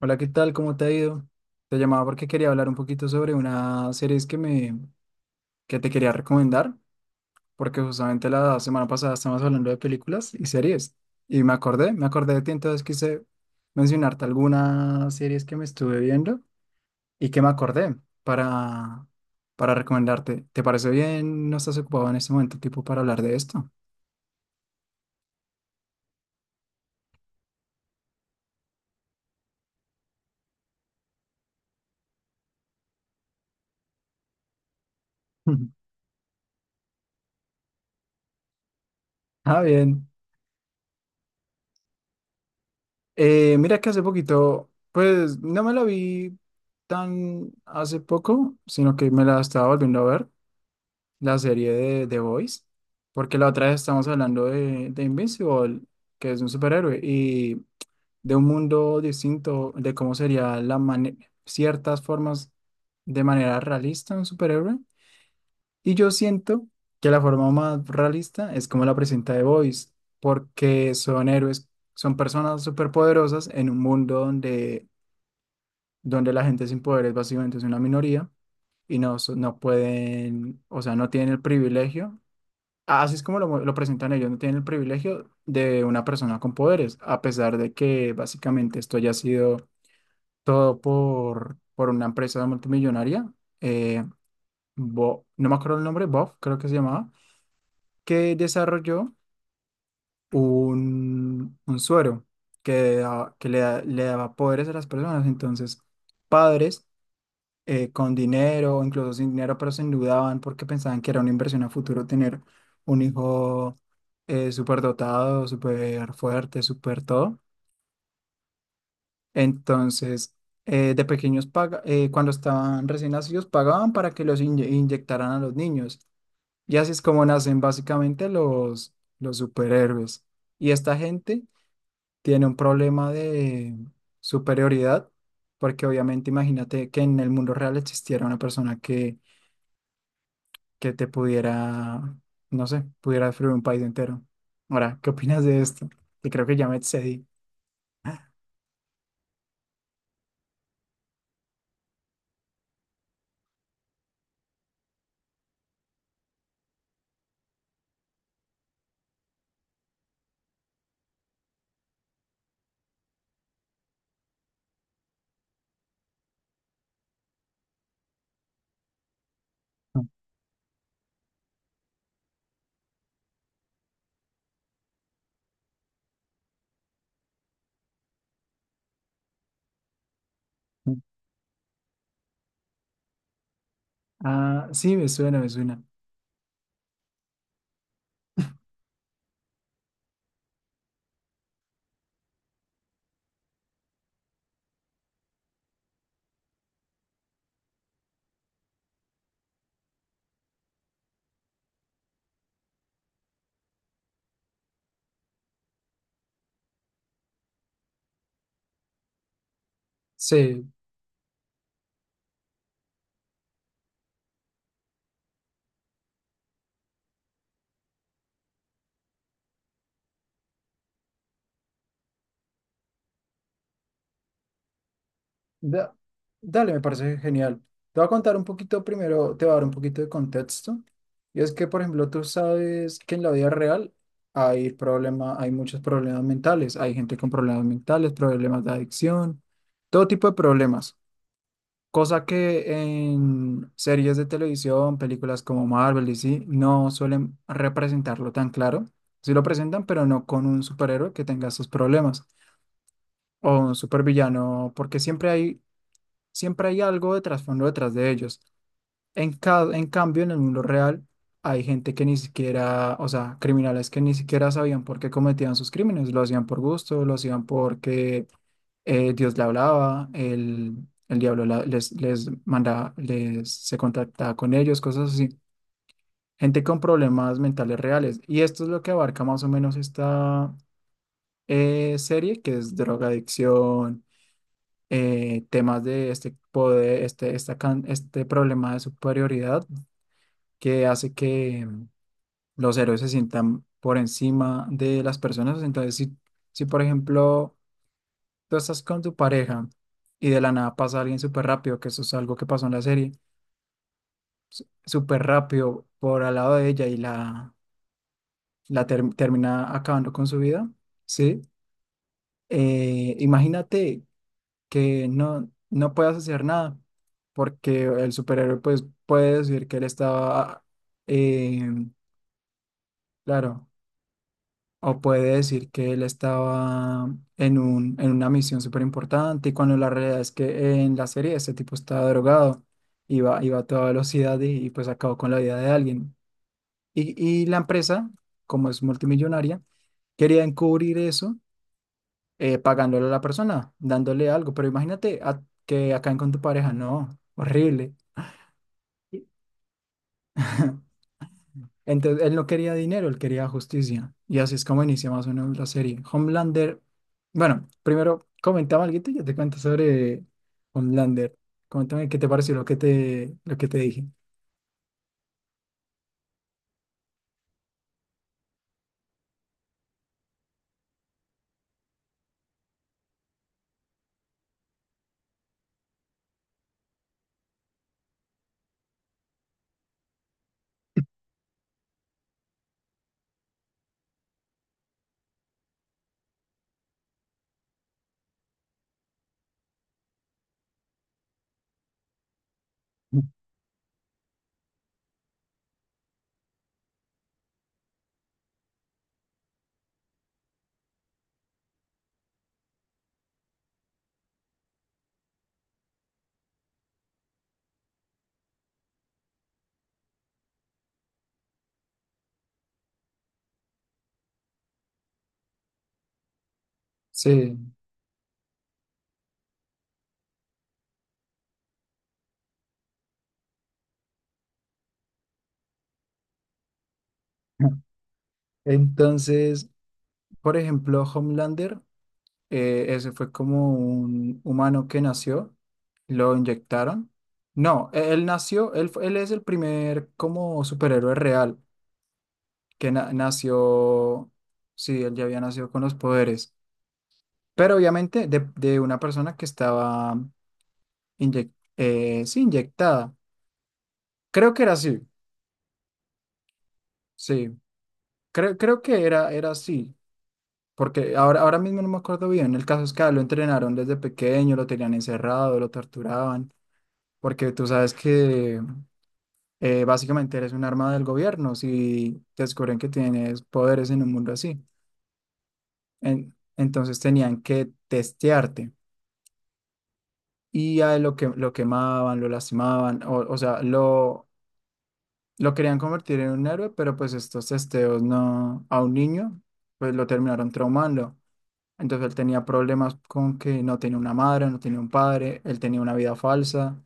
Hola, ¿qué tal? ¿Cómo te ha ido? Te llamaba porque quería hablar un poquito sobre una serie que te quería recomendar, porque justamente la semana pasada estábamos hablando de películas y series y me acordé de ti, entonces quise mencionarte algunas series que me estuve viendo y que me acordé para para recomendarte. ¿Te parece bien? ¿No estás ocupado en este momento, tipo, para hablar de esto? Ah, bien. Mira que hace poquito, pues no me la vi tan hace poco, sino que me la estaba volviendo a ver, la serie de The Boys, porque la otra vez estábamos hablando de Invincible, que es un superhéroe, y de un mundo distinto, de cómo sería ciertas formas de manera realista un superhéroe. Y yo siento que la forma más realista es como la presenta The Voice, porque son héroes, son personas superpoderosas en un mundo donde la gente sin poderes básicamente es una minoría y no, no pueden, o sea, no tienen el privilegio. Así es como lo presentan ellos, no tienen el privilegio de una persona con poderes, a pesar de que básicamente esto ya ha sido todo por una empresa multimillonaria. eh, no me acuerdo el nombre, Bob creo que se llamaba, que desarrolló un suero que, da- que le, da- le daba poderes a las personas. Entonces, padres con dinero o incluso sin dinero, pero se endeudaban porque pensaban que era una inversión a futuro tener un hijo súper dotado, súper fuerte, súper todo. Entonces, cuando estaban recién nacidos, pagaban para que los inyectaran a los niños. Y así es como nacen básicamente los superhéroes. Y esta gente tiene un problema de superioridad, porque obviamente imagínate que en el mundo real existiera una persona que te no sé, pudiera destruir un país entero. Ahora, ¿qué opinas de esto? Que creo que ya me excedí. Ah, sí, me suena, me suena. Sí, Da- dale, me parece genial. Te voy a contar un poquito primero, te voy a dar un poquito de contexto. Y es que, por ejemplo, tú sabes que en la vida real hay muchos problemas mentales. Hay gente con problemas mentales, problemas de adicción, todo tipo de problemas. Cosa que en series de televisión, películas como Marvel y sí, no suelen representarlo tan claro. Sí lo presentan, pero no con un superhéroe que tenga esos problemas o un supervillano, porque siempre hay algo de trasfondo detrás de ellos. En cambio, en el mundo real hay gente que ni siquiera, o sea, criminales que ni siquiera sabían por qué cometían sus crímenes. Lo hacían por gusto, lo hacían porque Dios le hablaba, el diablo les manda, les se contactaba con ellos, cosas así. Gente con problemas mentales reales. Y esto es lo que abarca más o menos esta serie, que es drogadicción, temas de este poder, este problema de superioridad que hace que los héroes se sientan por encima de las personas. Entonces, si por ejemplo tú estás con tu pareja y de la nada pasa alguien súper rápido, que eso es algo que pasó en la serie, súper rápido por al lado de ella y termina acabando con su vida, ¿sí? Imagínate que no puede hacer nada, porque el superhéroe pues puede decir que él estaba, eh, claro, o puede decir que él estaba en en una misión súper importante, y cuando la realidad es que en la serie este tipo estaba drogado, iba a toda velocidad y pues acabó con la vida de alguien. Y la empresa, como es multimillonaria, quería encubrir eso, pagándole a la persona, dándole algo. Pero imagínate que acaben con tu pareja, no, horrible. Y- Entonces, él no quería dinero, él quería justicia. Y así es como inicia más o menos la serie. Homelander, bueno, primero comentaba algo y yo te cuento sobre Homelander. Coméntame qué te pareció lo que te dije. Sí. Entonces, por ejemplo, Homelander. Ese fue como un humano que nació, lo inyectaron. No, él nació, él es el primer como superhéroe real nació, sí, él ya había nacido con los poderes, pero obviamente de una persona que estaba inyec- sí, inyectada. Creo que era así, sí, creo que era así. Porque ahora mismo no me acuerdo bien. El caso es que a él lo entrenaron desde pequeño, lo tenían encerrado, lo torturaban. Porque tú sabes que básicamente eres un arma del gobierno si descubren que tienes poderes en un mundo así. Entonces tenían que testearte, y a él lo que lo quemaban, lo lastimaban, o sea, lo querían convertir en un héroe, pero pues estos testeos no, a un niño, pues lo terminaron traumando. Entonces él tenía problemas con que no tenía una madre, no tenía un padre, él tenía una vida falsa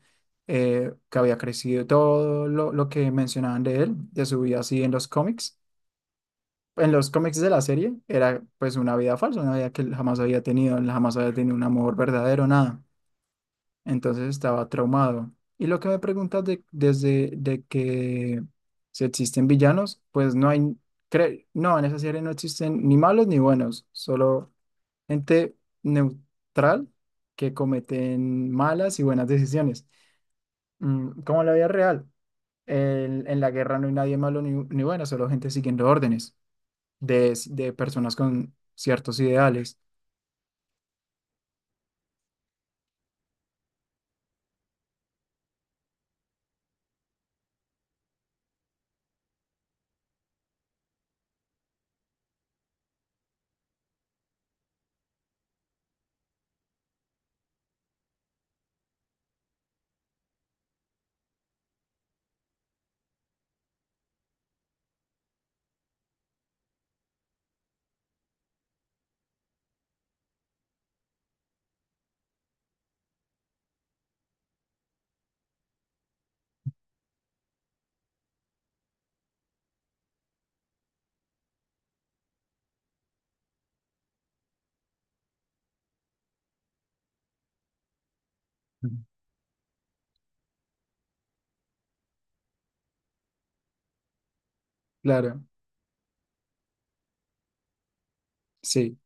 que había crecido, todo lo que mencionaban de él, de su vida así en los cómics de la serie era pues una vida falsa, una vida que él jamás había tenido, él jamás había tenido un amor verdadero, nada. Entonces estaba traumado. Y lo que me preguntas de, desde de que si existen villanos, pues no hay, no, en esa serie no existen ni malos ni buenos, solo gente neutral que cometen malas y buenas decisiones. Mm, como en la vida real, en la guerra no hay nadie malo ni bueno, solo gente siguiendo órdenes de personas con ciertos ideales. Ujú. Claro, sí.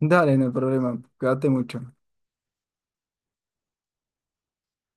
Dale, no hay problema. Cuídate mucho.